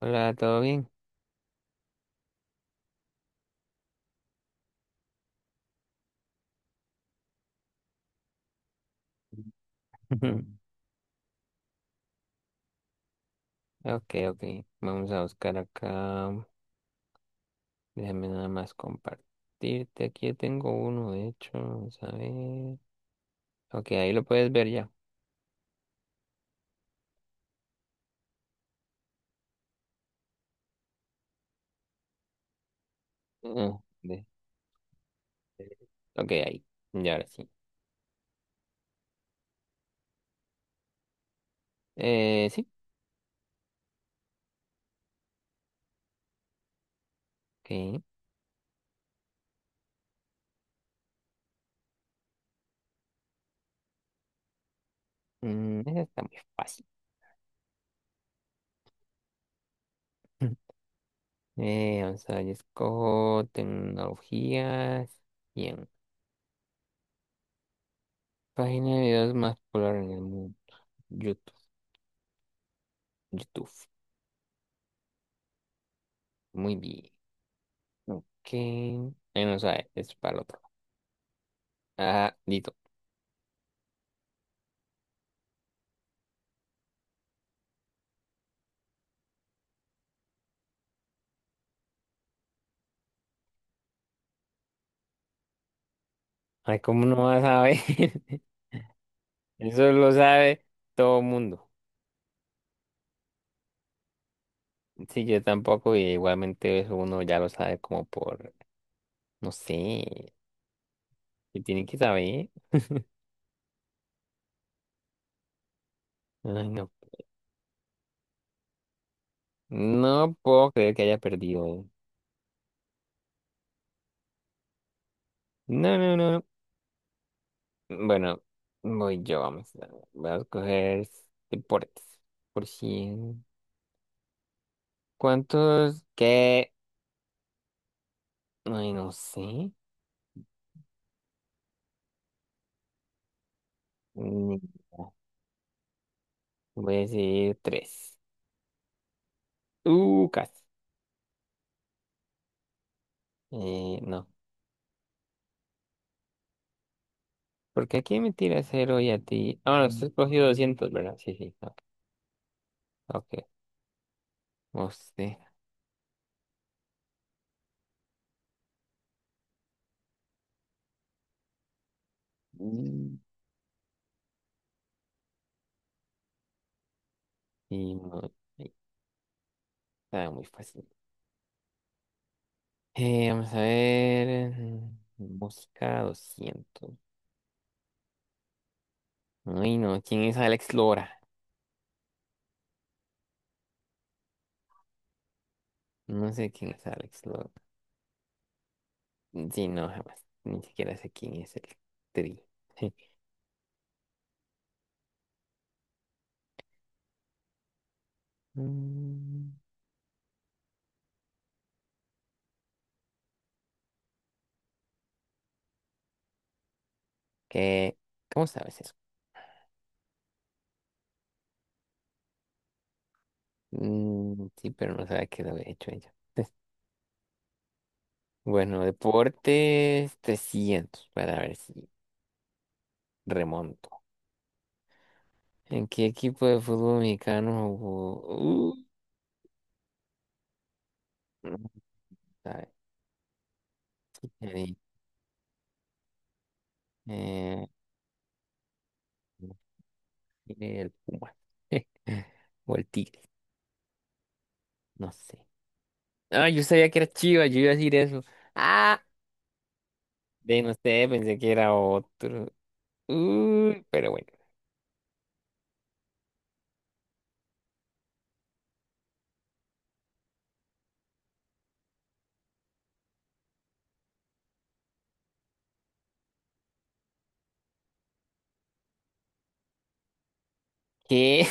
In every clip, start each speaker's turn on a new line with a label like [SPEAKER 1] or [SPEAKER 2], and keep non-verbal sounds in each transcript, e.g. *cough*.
[SPEAKER 1] Hola, ¿todo bien? *laughs* Ok, ok. Vamos a buscar acá. Déjame nada más compartirte. Aquí yo tengo uno, de hecho. Vamos a ver. Ok, ahí lo puedes ver ya. Ah, de- de- Ok, ahí. Ya ahora sí. Sí. Ok. Esa está muy fácil. *laughs* Vamos a ver, yo escojo tecnologías. Bien. Página de videos más popular en el mundo. YouTube. YouTube. Muy bien. Ok. Bueno, sabe, es para el otro. Ah, listo. Ay, ¿cómo no vas a ver? *laughs* Eso lo sabe todo el mundo. Sí, yo tampoco, y igualmente eso uno ya lo sabe como por, no sé, que tiene que saber. Ay, no. No puedo creer que haya perdido. No, no, no. Bueno, voy yo, Voy a escoger deportes. Por cien. ¿Cuántos ¿Qué? Ay, no sé. Mm, Voy a decir tres. Casi. No. Porque aquí me tira cero y a ti. Ah, bueno, usted has cogido 200, ¿verdad? Sí, sí. Ok. Okay. Usted. Mm, Y no. ahí Está muy fácil. Vamos a ver. Busca 200. Ay, no. ¿Quién es Alex Lora? No sé quién es Alex Lora. Sí, no, jamás. Ni siquiera sé quién es el tri. *laughs* Mm, ¿Qué? ¿Cómo sabes eso? Sí, pero no sabe qué lo había hecho ella. *laughs* Bueno, deportes 300, para ver si remonto. ¿En qué equipo de fútbol mexicano jugó? No sabe. ahí, eh, el Puma. *laughs* O el Tigre, no sé. Ah, yo sabía que era Chivas, yo iba a decir eso. Ah, de no sé, pensé que era otro. Uy, pero bueno. ¿Qué?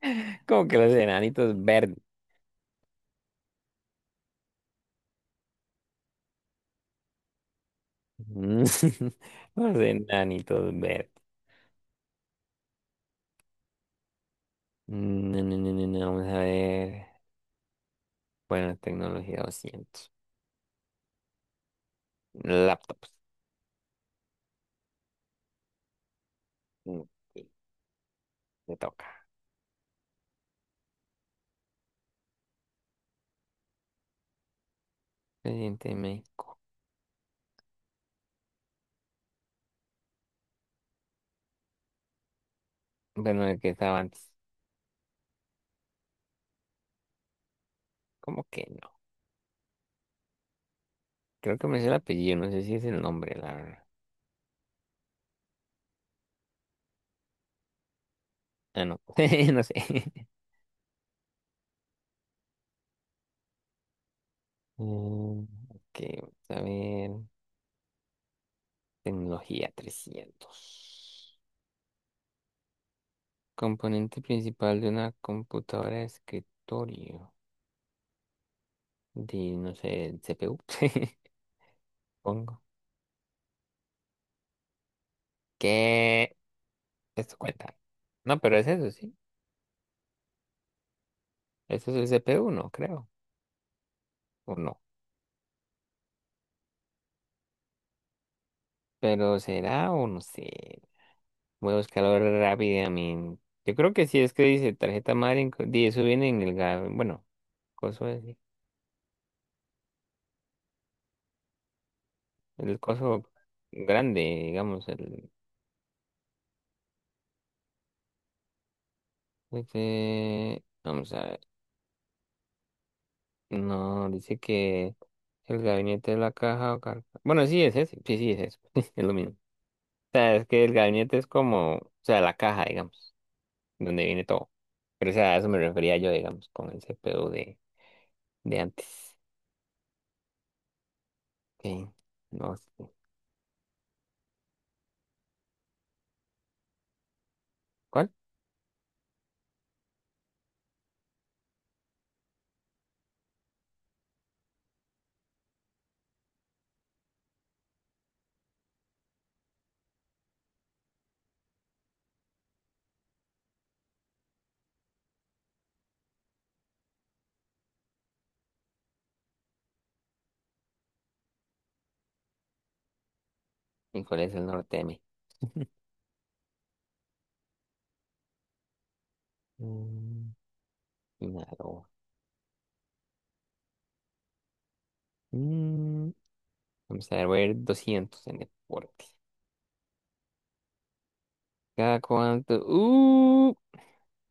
[SPEAKER 1] *laughs* Como que los enanitos verdes. Mm, *laughs* Los enanitos verdes. No, no, no, no, no, vamos a ver. Bueno, tecnología doscientos. Laptops. Ok, me toca. Presidente de México. Bueno, el que estaba antes. ¿Cómo que no? Creo que me sé el apellido, no sé si es el nombre, la verdad. Ah, no. *laughs* No sé. Mm, ok, vamos a ver. Tecnología trescientos. Componente principal de una computadora de escritorio. De, no sé, el CPU. *laughs* Pongo. ¿Qué? Esto cuenta. No, pero es eso, sí. Esto es el CPU1, creo. O no. Pero será o no sé. Voy a buscarlo rápidamente. Yo creo que sí es que dice tarjeta madre. Eso viene en el. Bueno, coso ese, el coso grande, digamos. Vamos a ver. No, dice que el gabinete de la caja o bueno, sí es ese. Sí, sí es eso. *laughs* Es lo mismo. O sea, es que el gabinete es como, o sea, la caja, digamos, donde viene todo. Pero o sea, a eso me refería yo, digamos, con el CPU de antes. Ok, no sé. ¿Cuál? ¿Y cuál es el norte de mí? Mm, Sinaloa. Mm, vamos a ver, voy a ir 200 en deporte. ¿Cada cuánto?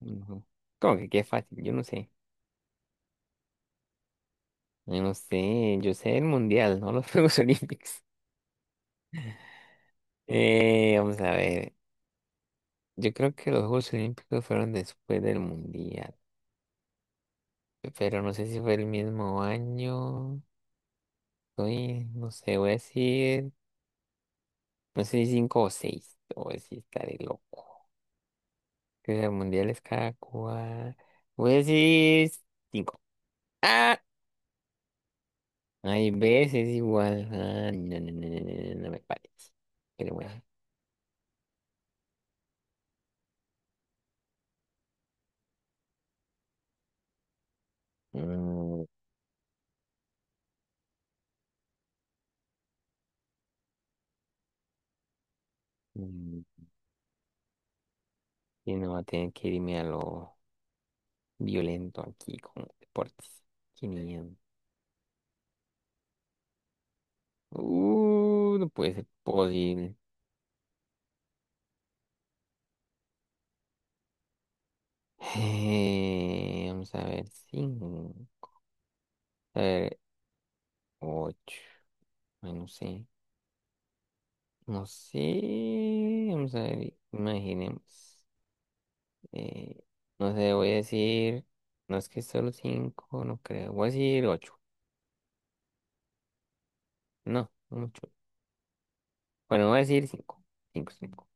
[SPEAKER 1] No. ¿Cómo que qué fácil? Yo no sé. Yo no sé. Yo sé el mundial, no los *laughs* Juegos Olímpicos. Vamos a ver. Yo creo que los Juegos Olímpicos fueron después del mundial. Pero no sé si fue el mismo año. Soy, no sé, voy a decir, no sé si cinco o seis, o si estaré loco. Que el mundial es cada cual. Voy a decir cinco. ¡Ah! Hay veces igual. Ah, no, no, no, no, no, no, me parece. Pero bueno. Mm, mm, y no va a tener que irme a lo violento aquí con deportes quinientos. No puede ser posible. *laughs* Vamos a ver, cinco. A ver, ocho. Ay, no sé, no sé. Vamos a ver, imaginemos. Eh, no sé, voy a decir. No es que solo cinco, no creo. Voy a decir ocho. No, mucho. Bueno, voy a decir cinco. Cinco, cinco.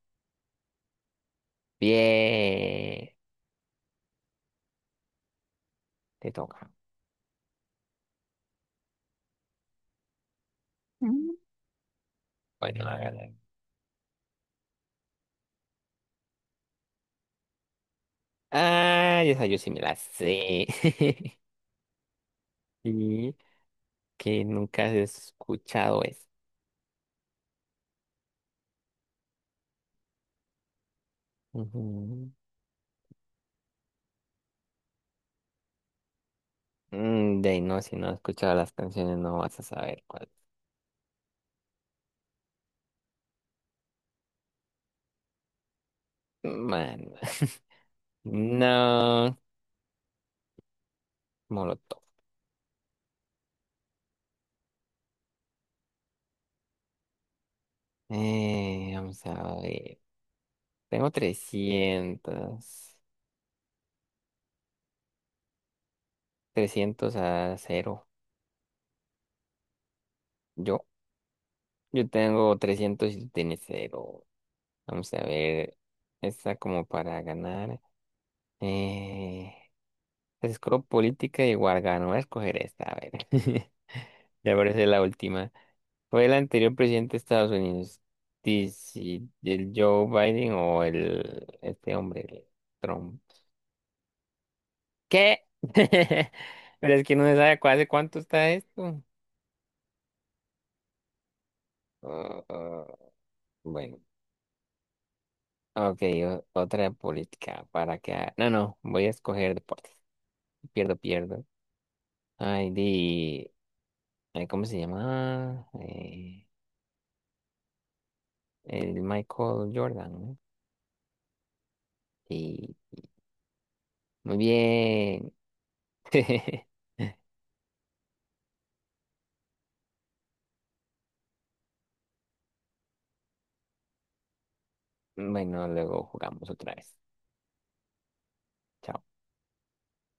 [SPEAKER 1] Bien, te toca. Mm. Bueno, hágale. Ah, esa yo sí me la sé. *laughs* Y que nunca has escuchado eso. Ujú. De ahí no, si no has escuchado las canciones, no vas a saber cuál. Man. No, Molotov. Vamos a ver. Tengo 300 Trescientos a cero. Yo, yo tengo trescientos y tú tienes cero. Vamos a ver. Esta como para ganar. Eh, escojo política y igual gano. Voy a escoger esta, a ver. *laughs* Ya parece la última. ¿Fue el anterior presidente de Estados Unidos? ¿El Joe Biden o el este hombre, el Trump? ¿Qué? *laughs* Pero es que no se sabe hace cuánto está esto. Ah, ah, bueno, ok, otra de política para que... No, no, voy a escoger deportes. Pierdo, pierdo. Ay, di... ay, ¿cómo se llama? El Michael Jordan, ¿no? Y muy bien. *laughs* Bueno, luego jugamos otra vez. Chao.